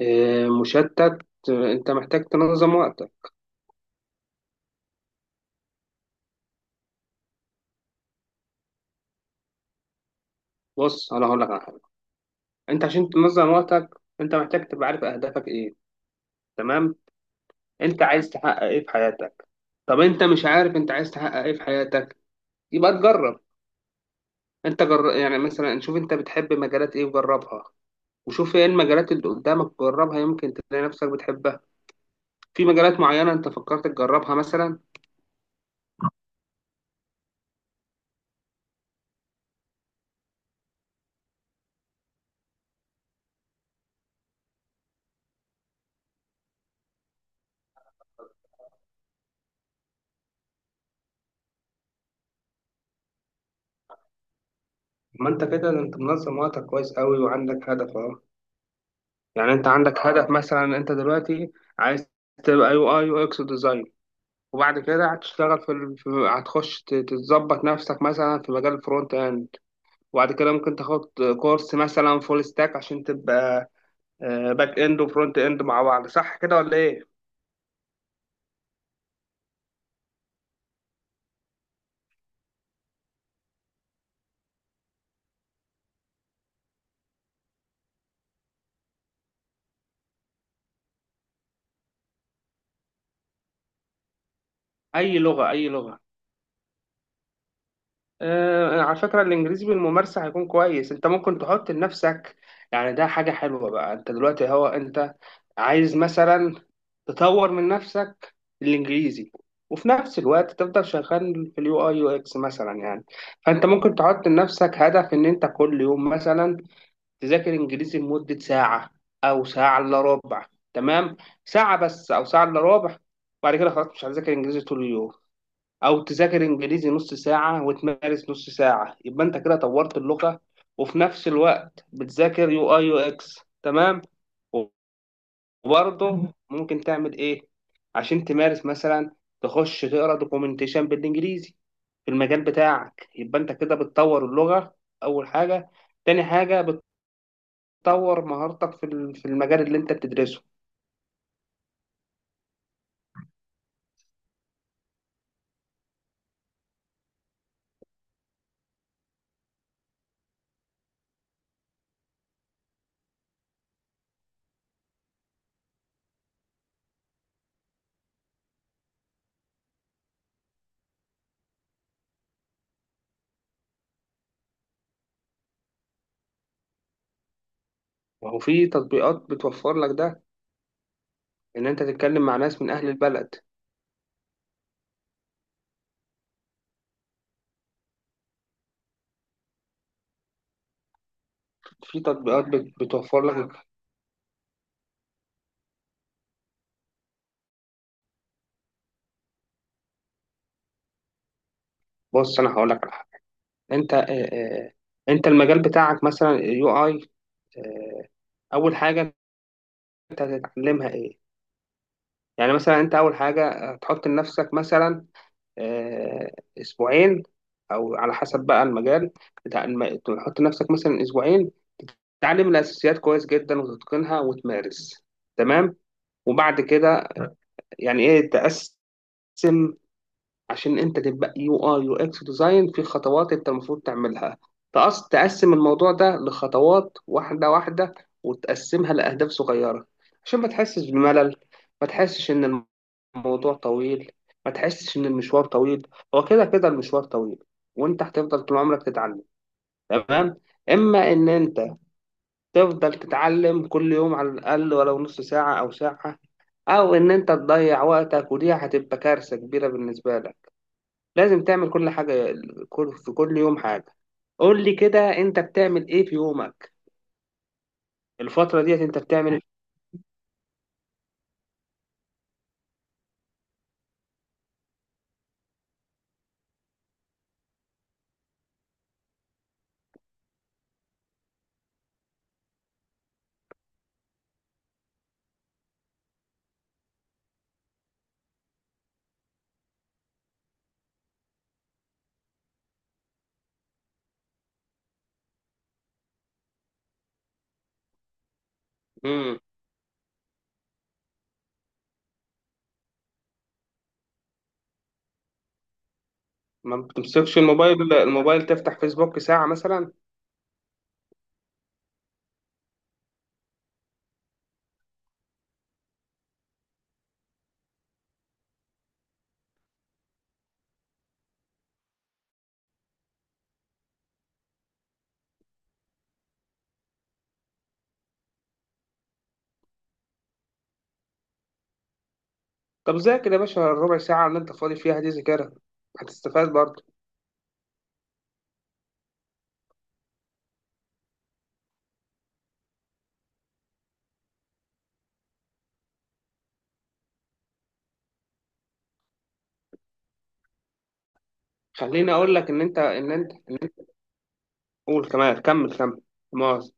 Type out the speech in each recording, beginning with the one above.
آه، مشتت. آه، انت محتاج تنظم وقتك. بص، انا هقول لك على حاجه. انت عشان تنظم وقتك انت محتاج تبقى عارف اهدافك ايه. تمام. انت عايز تحقق ايه في حياتك؟ طب انت مش عارف انت عايز تحقق ايه في حياتك، يبقى تجرب. يعني مثلا شوف انت بتحب مجالات ايه وجربها، وشوف ايه المجالات اللي قدامك جربها يمكن تلاقي نفسك بتحبها. في مجالات معينه انت فكرت تجربها مثلا؟ ما انت كده انت منظم وقتك كويس قوي وعندك هدف اهو. يعني انت عندك هدف مثلا، انت دلوقتي عايز تبقى يو اي يو اكس ديزاين، وبعد كده هتشتغل في هتخش تظبط نفسك مثلا في مجال الفرونت اند، وبعد كده ممكن تاخد كورس مثلا فول ستاك عشان تبقى باك اند وفرونت اند مع بعض. صح كده ولا ايه؟ اي لغة اي لغة؟ آه، على فكرة الإنجليزي بالممارسة هيكون كويس. أنت ممكن تحط لنفسك، يعني ده حاجة حلوة بقى. أنت دلوقتي هو أنت عايز مثلا تطور من نفسك الإنجليزي، وفي نفس الوقت تفضل شغال في اليو أي يو إكس مثلا، يعني فأنت ممكن تحط لنفسك هدف إن أنت كل يوم مثلا تذاكر إنجليزي لمدة ساعة أو ساعة إلا ربع. تمام. ساعة بس أو ساعة إلا ربع، وبعد كده خلاص مش هتذاكر إنجليزي طول اليوم. او تذاكر انجليزي نص ساعه وتمارس نص ساعه، يبقى انت كده طورت اللغه وفي نفس الوقت بتذاكر يو اي يو اكس. تمام. وبرضه ممكن تعمل ايه عشان تمارس؟ مثلا تخش تقرا دوكيومنتيشن بالانجليزي في المجال بتاعك، يبقى انت كده بتطور اللغه اول حاجه، تاني حاجه بتطور مهارتك في المجال اللي انت بتدرسه. وهو في تطبيقات بتوفر لك ده، ان انت تتكلم مع ناس من اهل البلد. في تطبيقات بتوفر لك. بص انا هقول لك على حاجه. انت آه، آه، انت المجال بتاعك مثلا يو اي، اول حاجه انت هتتعلمها ايه؟ يعني مثلا انت اول حاجه تحط لنفسك مثلا آه، اسبوعين، او على حسب بقى المجال تحط لنفسك مثلا اسبوعين تعلم الاساسيات كويس جدا وتتقنها وتمارس. تمام. وبعد كده يعني ايه، تقسم. عشان انت تبقى يو اي يو اكس ديزاين في خطوات انت المفروض تعملها. تقسم الموضوع ده لخطوات واحده واحده، وتقسمها لاهداف صغيره عشان ما تحسش بملل، ما تحسش ان الموضوع طويل، ما تحسش ان المشوار طويل. هو كده كده المشوار طويل وانت هتفضل طول عمرك تتعلم. تمام. اما ان انت تفضل تتعلم كل يوم على الاقل ولو نص ساعه او ساعه، او ان انت تضيع وقتك ودي هتبقى كارثه كبيره بالنسبه لك. لازم تعمل كل حاجة، في كل يوم حاجة. قول لي كده انت بتعمل ايه في يومك؟ الفترة ديت انت بتعمل؟ امم ما بتمسكش الموبايل، الموبايل تفتح فيسبوك ساعة مثلا؟ طب ذاكر يا باشا الربع ساعة اللي انت فاضي فيها دي، ذاكرها هتستفاد برضه. خليني اقول لك ان انت قول كمان، كمل كمل. مؤاخذة.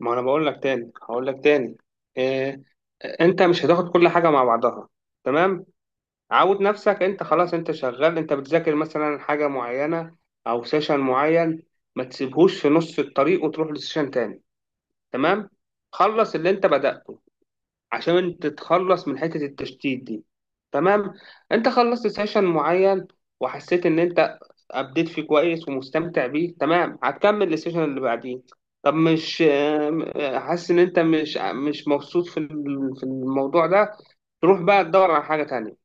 ما انا بقول لك تاني هقول لك تاني، إيه، انت مش هتاخد كل حاجة مع بعضها. تمام. عود نفسك انت، خلاص انت شغال، انت بتذاكر مثلا حاجة معينة او سيشن معين، ما تسيبهوش في نص الطريق وتروح لسيشن تاني. تمام. خلص اللي انت بدأته عشان انت تتخلص من حتة التشتيت دي. تمام. انت خلصت سيشن معين وحسيت ان انت ابديت فيه كويس ومستمتع بيه، تمام، هتكمل السيشن اللي بعديه. طب مش ام- حاسس ان انت مش مبسوط في الموضوع ده، تروح بقى تدور على حاجة تانية.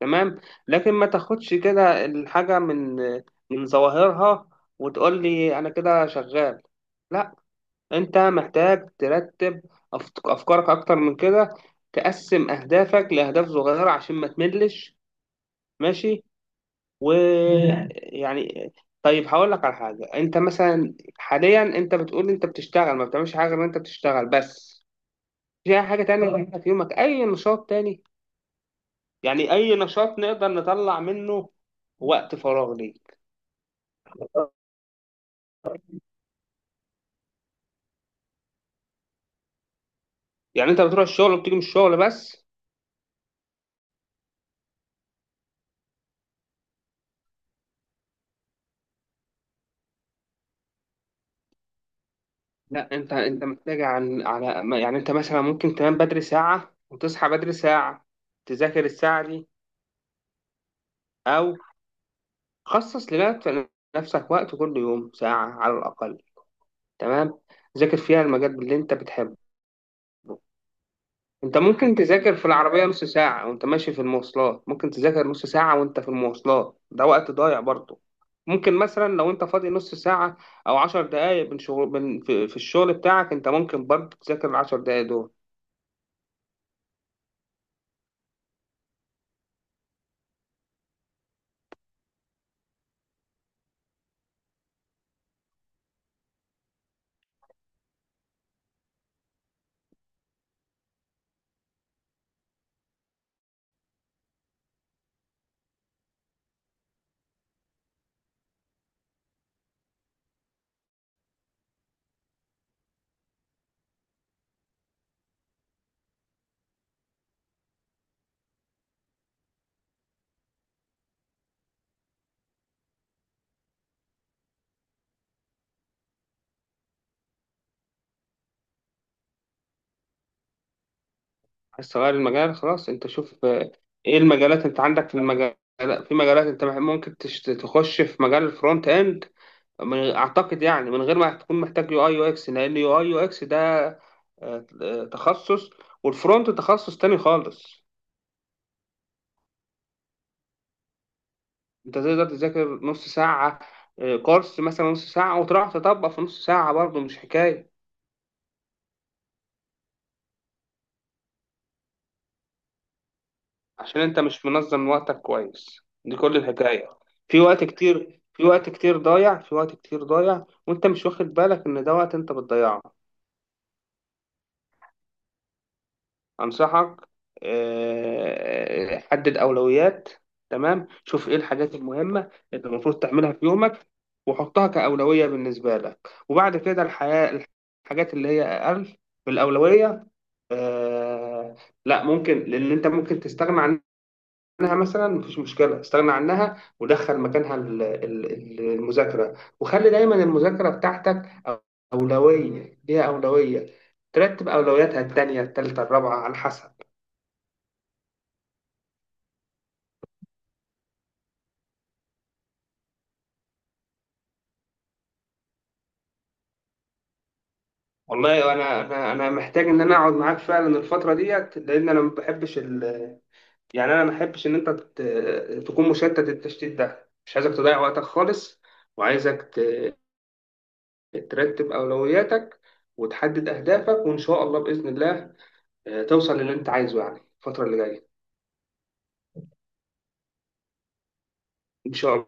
تمام. لكن ما تاخدش كده الحاجة من من ظواهرها وتقول لي أنا كده شغال. لا، أنت محتاج ترتب أفكارك أكتر من كده، تقسم أهدافك لأهداف صغيرة عشان ما تملش. ماشي، مم. ويعني طيب هقول لك على حاجة. أنت مثلا حاليا أنت بتقول أنت بتشتغل، ما بتعملش حاجة غير أنت بتشتغل بس؟ في أي حاجة تانية بتعملها في يومك؟ أي نشاط تاني، يعني أي نشاط نقدر نطلع منه وقت فراغ ليك؟ يعني انت بتروح الشغل وبتيجي من الشغل بس؟ لا، انت محتاج عن على ما- يعني انت مثلا ممكن تنام بدري ساعة وتصحى بدري ساعة، تذاكر الساعة دي. او خصص لنفسك، نفسك وقت كل يوم ساعة على الأقل. تمام. ذاكر فيها المجال اللي انت بتحبه. انت ممكن تذاكر في العربية نص ساعة وانت ماشي في المواصلات، ممكن تذاكر نص ساعة وانت في المواصلات، ده وقت ضايع برضه. ممكن مثلا لو انت فاضي نص ساعة، او عشر دقايق من شغل من في الشغل بتاعك، انت ممكن برضه تذاكر العشر دقايق دول. عايز تغير المجال خلاص. انت شوف ايه المجالات. انت عندك في المجال، في مجالات انت ممكن تخش في مجال الفرونت اند، اعتقد يعني من غير ما تكون محتاج يو اي يو اكس، لان يو اي يو اكس ده اه، تخصص، والفرونت تخصص تاني خالص. انت تقدر تذاكر نص ساعة، كورس مثلا نص ساعة وتروح تطبق في نص ساعة برضه، مش حكاية. عشان انت مش منظم وقتك كويس، دي كل الحكاية. في وقت كتير ضايع، وانت مش واخد بالك ان ده وقت انت بتضيعه. أنصحك حدد أولويات. تمام، شوف إيه الحاجات المهمة اللي المفروض تعملها في يومك، وحطها كأولوية بالنسبة لك. وبعد كده الحياة، الحاجات اللي هي أقل بالأولوية، آه، لا ممكن، لأن أنت ممكن تستغنى عنها. مثلا مفيش مشكلة، استغنى عنها ودخل مكانها المذاكرة، وخلي دايما المذاكرة بتاعتك أولوية، ليها أولوية. ترتب أولوياتها التانية التالتة الرابعة على حسب. والله انا محتاج ان انا اقعد معاك فعلا الفتره ديت، لان انا ما بحبش يعني انا ما بحبش ان انت تكون مشتت. التشتيت ده مش عايزك تضيع وقتك خالص، وعايزك ترتب اولوياتك وتحدد اهدافك، وان شاء الله باذن الله توصل للي انت عايزه يعني الفتره اللي جايه. ان شاء الله